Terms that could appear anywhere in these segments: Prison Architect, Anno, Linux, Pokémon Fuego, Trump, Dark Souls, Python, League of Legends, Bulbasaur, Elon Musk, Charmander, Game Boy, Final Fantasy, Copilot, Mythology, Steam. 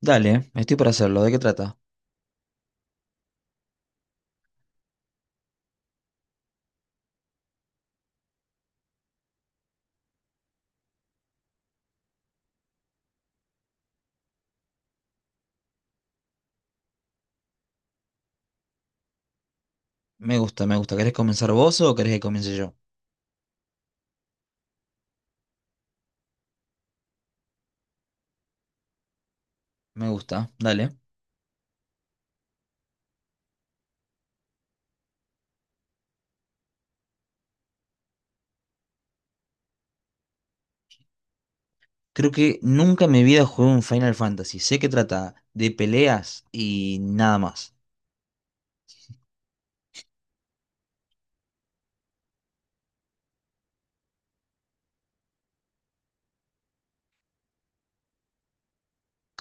Dale, estoy para hacerlo. ¿De qué trata? Me gusta, me gusta. ¿Querés comenzar vos o querés que comience yo? Me gusta, dale. Creo que nunca en mi vida jugué un Final Fantasy. Sé que trata de peleas y nada más.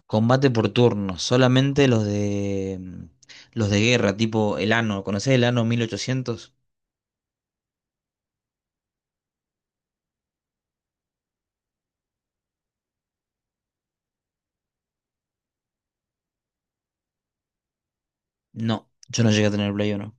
Combate por turnos, solamente los de los de guerra, tipo el Anno. ¿Conocés el ano 1800? No, yo no llegué a tener Play 1.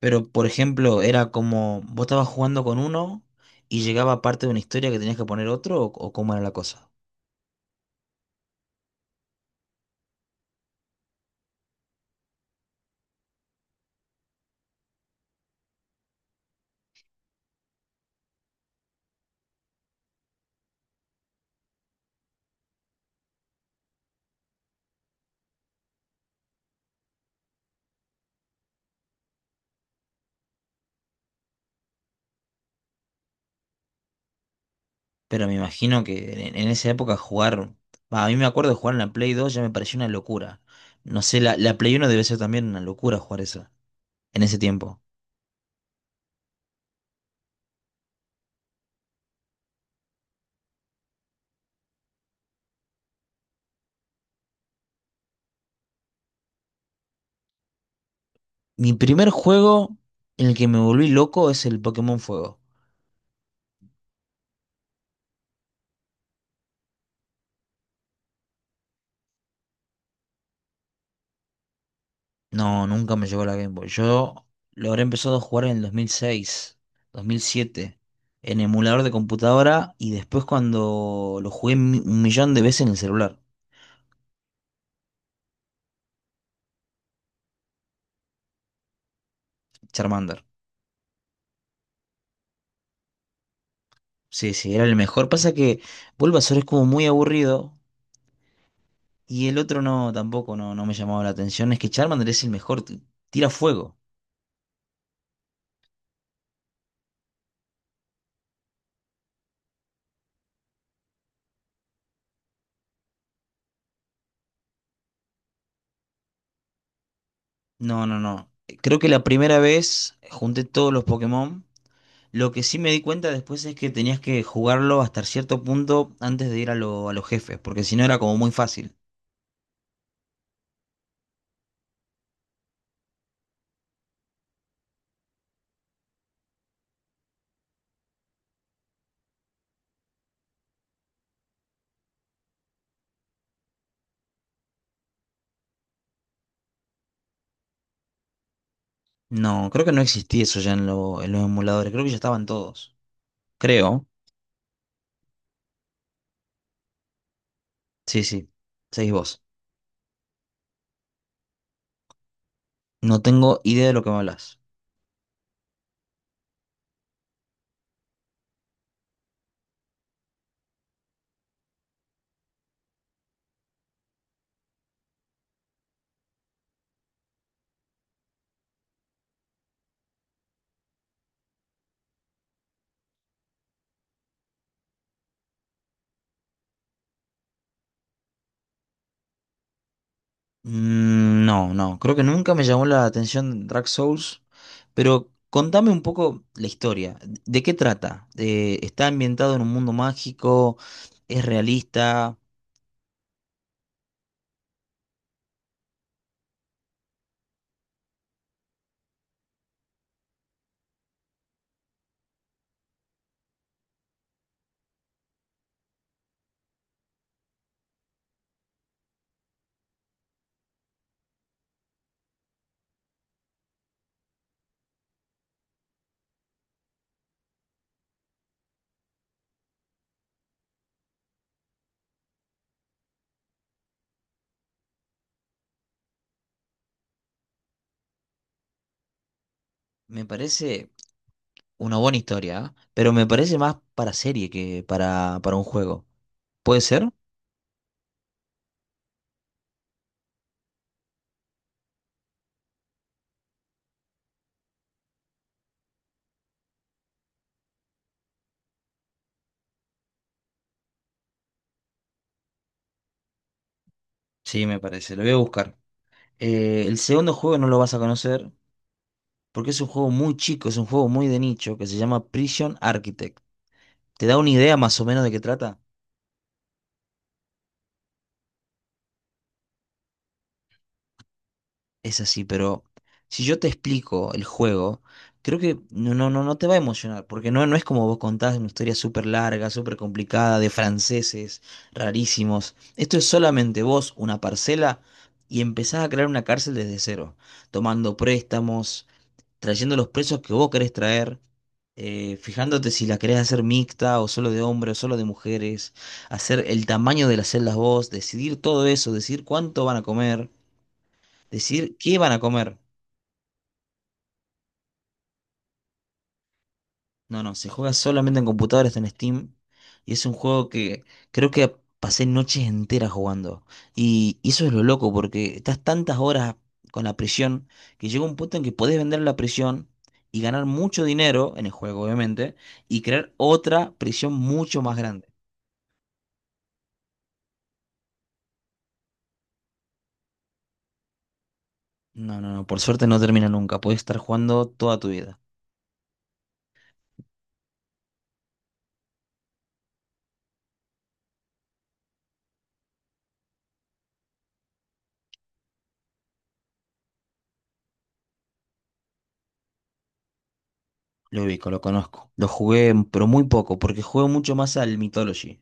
Pero, por ejemplo, era como vos estabas jugando con uno y llegaba parte de una historia que tenías que poner otro o cómo era la cosa. Pero me imagino que en esa época jugar. Bah, a mí me acuerdo de jugar en la Play 2 ya me pareció una locura. No sé, la Play 1 debe ser también una locura jugar esa en ese tiempo. Mi primer juego en el que me volví loco es el Pokémon Fuego. No, nunca me llegó la Game Boy. Yo lo habré empezado a jugar en el 2006, 2007 en emulador de computadora y después cuando lo jugué un millón de veces en el celular. Charmander. Sí, sí, era el mejor. Pasa que Bulbasaur es como muy aburrido. Y el otro no, tampoco no me llamaba la atención. Es que Charmander es el mejor. Tira fuego. No, no, no. Creo que la primera vez junté todos los Pokémon. Lo que sí me di cuenta después es que tenías que jugarlo hasta cierto punto antes de ir a los jefes, porque si no era como muy fácil. No, creo que no existía eso ya en los emuladores. Creo que ya estaban todos. Creo. Sí, sí. Seguís vos. No tengo idea de lo que me hablas. No, no, creo que nunca me llamó la atención Dark Souls, pero contame un poco la historia. ¿De qué trata? ¿Está ambientado en un mundo mágico? ¿Es realista? Me parece una buena historia, ¿eh? Pero me parece más para serie que para un juego. ¿Puede ser? Sí, me parece, lo voy a buscar. El segundo juego no lo vas a conocer porque es un juego muy chico, es un juego muy de nicho que se llama Prison Architect. ¿Te da una idea más o menos de qué trata? Es así, pero si yo te explico el juego, creo que no, no te va a emocionar, porque no es como vos contás una historia súper larga, súper complicada, de franceses rarísimos. Esto es solamente vos, una parcela, y empezás a crear una cárcel desde cero, tomando préstamos, trayendo los presos que vos querés traer, fijándote si la querés hacer mixta o solo de hombres o solo de mujeres, hacer el tamaño de las celdas vos, decidir todo eso, decidir cuánto van a comer, decidir qué van a comer. No, no, se juega solamente en computadoras, en Steam. Y es un juego que creo que pasé noches enteras jugando. Y eso es lo loco, porque estás tantas horas con la prisión que llega un punto en que podés vender la prisión y ganar mucho dinero en el juego, obviamente, y crear otra prisión mucho más grande. No, no, no, por suerte no termina nunca. Podés estar jugando toda tu vida. Lo ubico, lo conozco. Lo jugué, pero muy poco, porque juego mucho más al Mythology.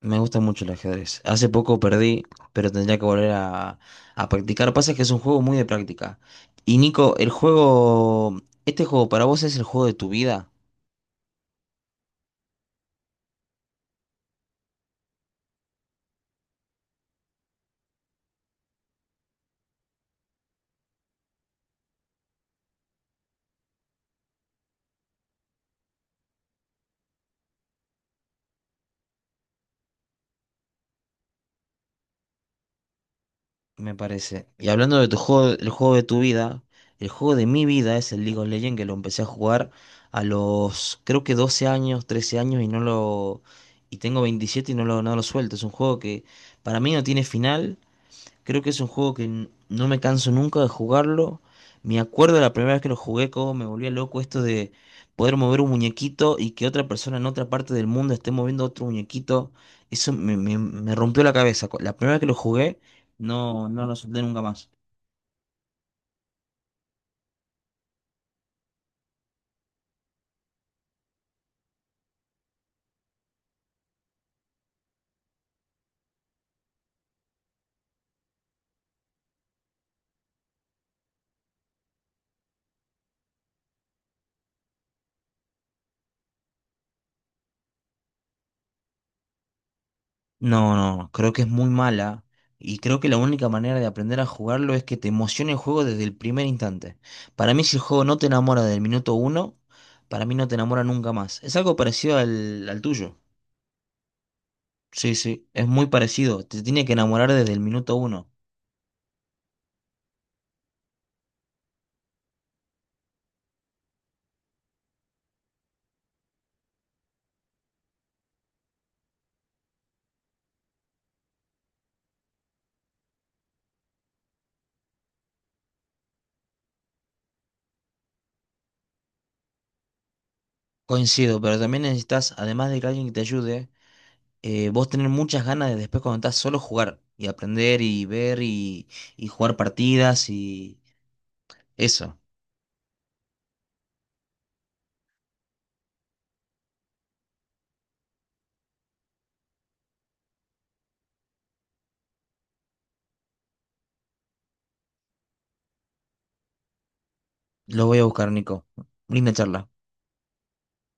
Me gusta mucho el ajedrez. Hace poco perdí, pero tendría que volver a practicar. Pasa que es un juego muy de práctica. Y Nico, el juego, este juego para vos es el juego de tu vida, me parece. Y hablando de tu juego, el juego de tu vida, el juego de mi vida es el League of Legends que lo empecé a jugar a los, creo que 12 años, 13 años y no lo, y tengo 27 y no lo suelto. Es un juego que para mí no tiene final. Creo que es un juego que no me canso nunca de jugarlo. Me acuerdo de la primera vez que lo jugué, cómo me volvía loco esto de poder mover un muñequito y que otra persona en otra parte del mundo esté moviendo otro muñequito. Eso me rompió la cabeza. La primera vez que lo jugué, no, no lo solté nunca más. No, no, no, creo que es muy mala. Y creo que la única manera de aprender a jugarlo es que te emocione el juego desde el primer instante. Para mí, si el juego no te enamora del minuto uno, para mí no te enamora nunca más. Es algo parecido al tuyo. Sí, sí, es muy parecido. Te tiene que enamorar desde el minuto uno. Coincido, pero también necesitas, además de que alguien que te ayude, vos tener muchas ganas de después cuando estás solo jugar y aprender y ver y jugar partidas y eso. Lo voy a buscar, Nico. Linda charla.